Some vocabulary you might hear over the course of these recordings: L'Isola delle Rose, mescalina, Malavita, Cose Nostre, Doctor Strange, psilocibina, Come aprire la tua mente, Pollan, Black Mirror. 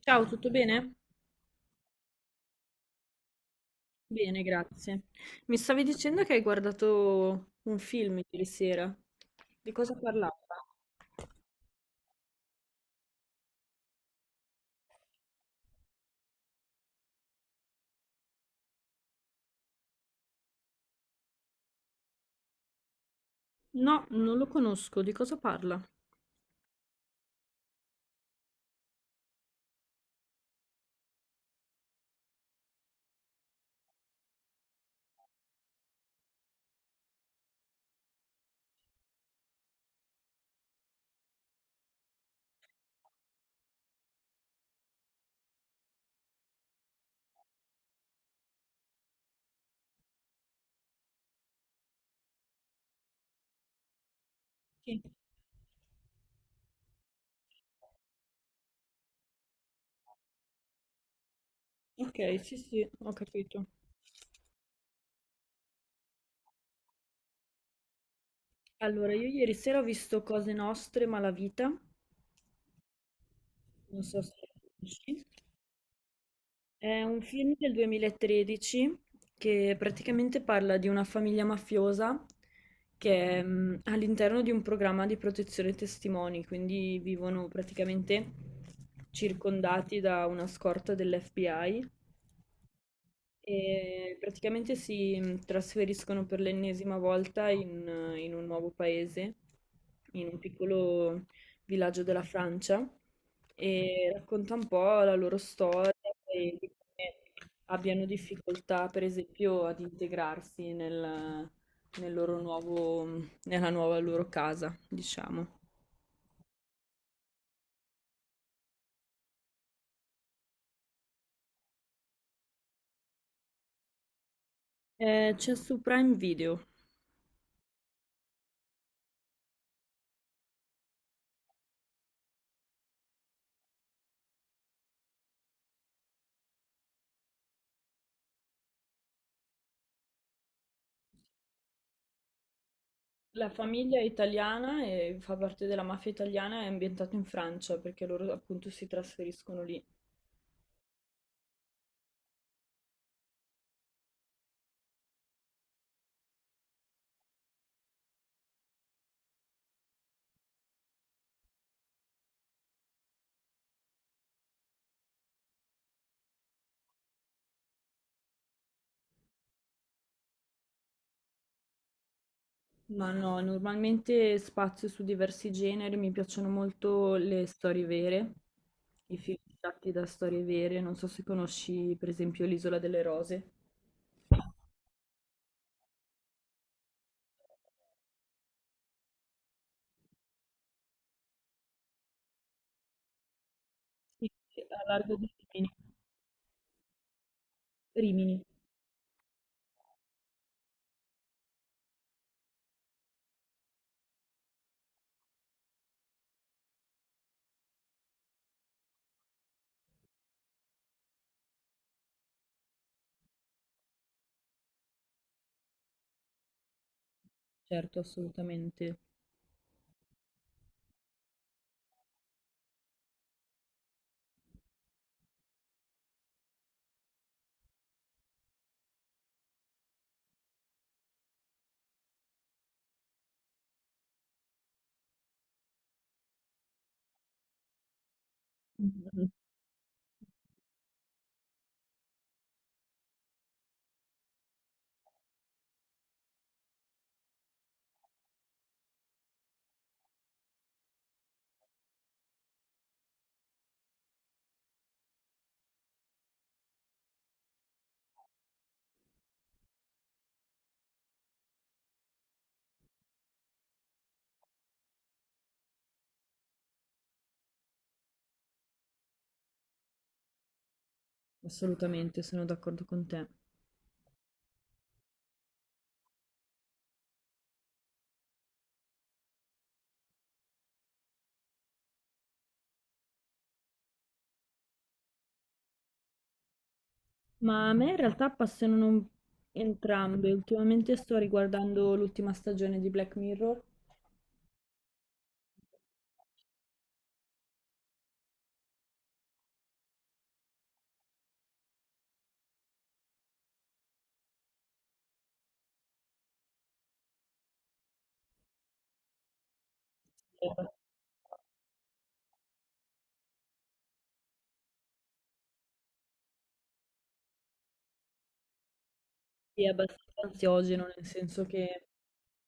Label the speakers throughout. Speaker 1: Ciao, tutto bene? Bene, grazie. Mi stavi dicendo che hai guardato un film ieri sera. Di cosa parlava? No, non lo conosco. Di cosa parla? Sì. Ok, sì, sì, ho capito. Allora, io ieri sera ho visto Cose Nostre, Malavita. Non so se lo conosci. È un film del 2013 che praticamente parla di una famiglia mafiosa che è all'interno di un programma di protezione testimoni, quindi vivono praticamente circondati da una scorta dell'FBI e praticamente si trasferiscono per l'ennesima volta in, in un nuovo paese, in un piccolo villaggio della Francia, e racconta un po' la loro storia e di come abbiano difficoltà, per esempio, ad integrarsi nel, nel loro nuovo, nella nuova loro casa, diciamo. C'è su Prime Video. La famiglia è italiana e fa parte della mafia italiana, è ambientato in Francia perché loro appunto si trasferiscono lì. Ma no, normalmente spazio su diversi generi, mi piacciono molto le storie vere, i film tratti da storie vere, non so se conosci per esempio L'Isola delle Rose. Sì, sì, a largo di Rimini. Rimini, certo, assolutamente. Mhm. Assolutamente, sono d'accordo con te. Ma a me in realtà passano entrambe. Ultimamente sto riguardando l'ultima stagione di Black Mirror, che è è abbastanza ansiogeno, nel senso che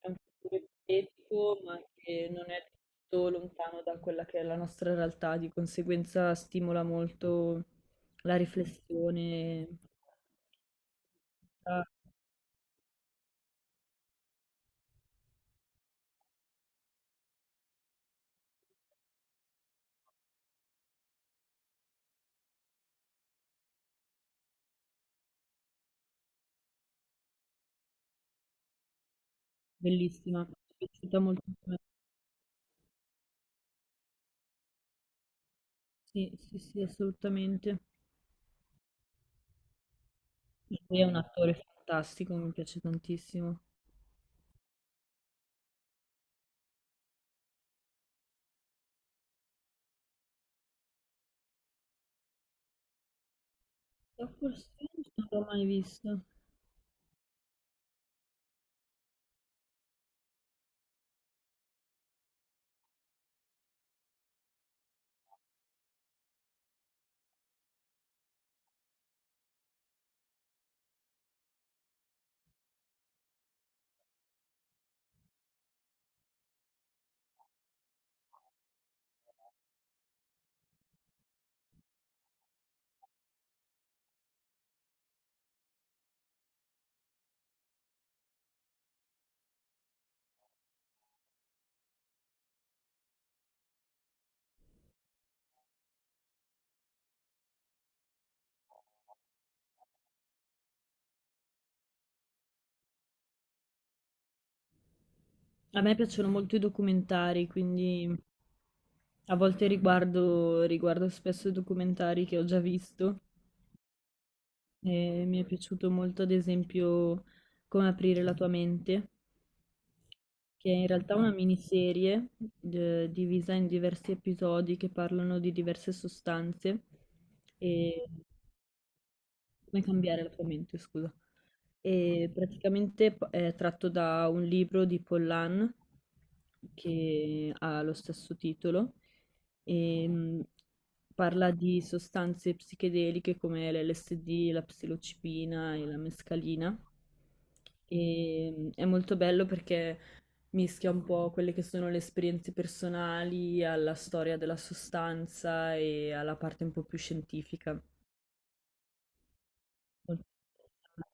Speaker 1: è un futuro ipotetico, ma che non è tutto lontano da quella che è la nostra realtà, di conseguenza stimola molto la riflessione. Ah, bellissima, mi è piaciuta molto. Sì, sì, sì, assolutamente. Lui è un attore fantastico, mi piace tantissimo. Doctor Strange non l'ho mai visto. A me piacciono molto i documentari, quindi a volte riguardo, riguardo spesso documentari che ho già visto. E mi è piaciuto molto, ad esempio, Come aprire la tua mente, che è in realtà una miniserie divisa in diversi episodi che parlano di diverse sostanze e come cambiare la tua mente, scusa. E praticamente è tratto da un libro di Pollan che ha lo stesso titolo e parla di sostanze psichedeliche come l'LSD, la psilocibina e la mescalina. E è molto bello perché mischia un po' quelle che sono le esperienze personali alla storia della sostanza e alla parte un po' più scientifica. Molto interessante.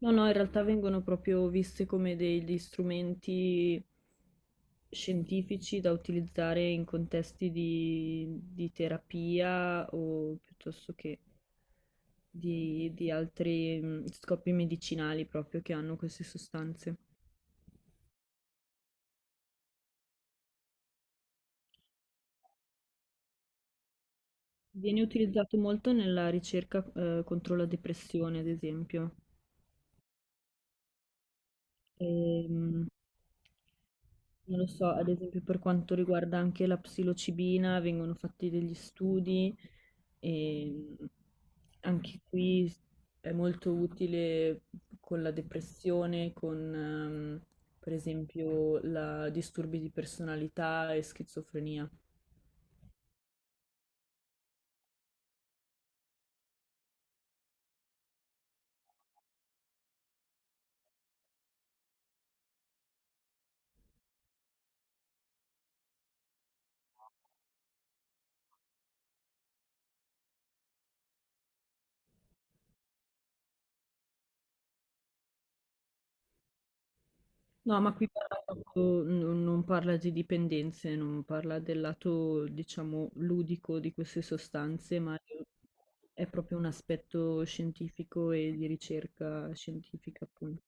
Speaker 1: No, no, in realtà vengono proprio viste come degli strumenti scientifici da utilizzare in contesti di terapia o piuttosto che di altri scopi medicinali proprio che hanno queste sostanze. Viene utilizzato molto nella ricerca, contro la depressione, ad esempio. Ehm, non lo so, ad esempio per quanto riguarda anche la psilocibina, vengono fatti degli studi e anche qui è molto utile con la depressione, con per esempio la disturbi di personalità e schizofrenia. No, ma qui parla proprio, non parla di dipendenze, non parla del lato, diciamo, ludico di queste sostanze, ma è proprio un aspetto scientifico e di ricerca scientifica, appunto.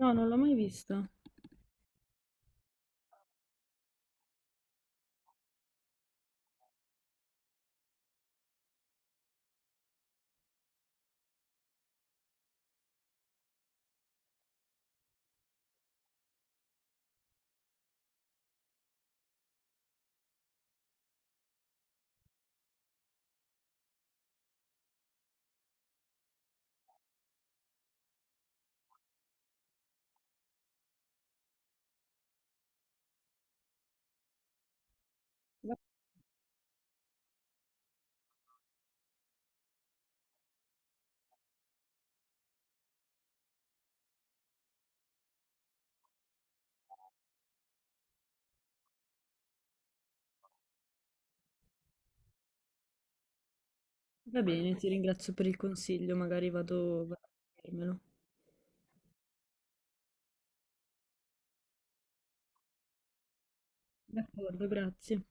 Speaker 1: No, non l'ho mai vista. Va va bene, ti ringrazio per il consiglio, magari vado a vedermelo. D'accordo, grazie.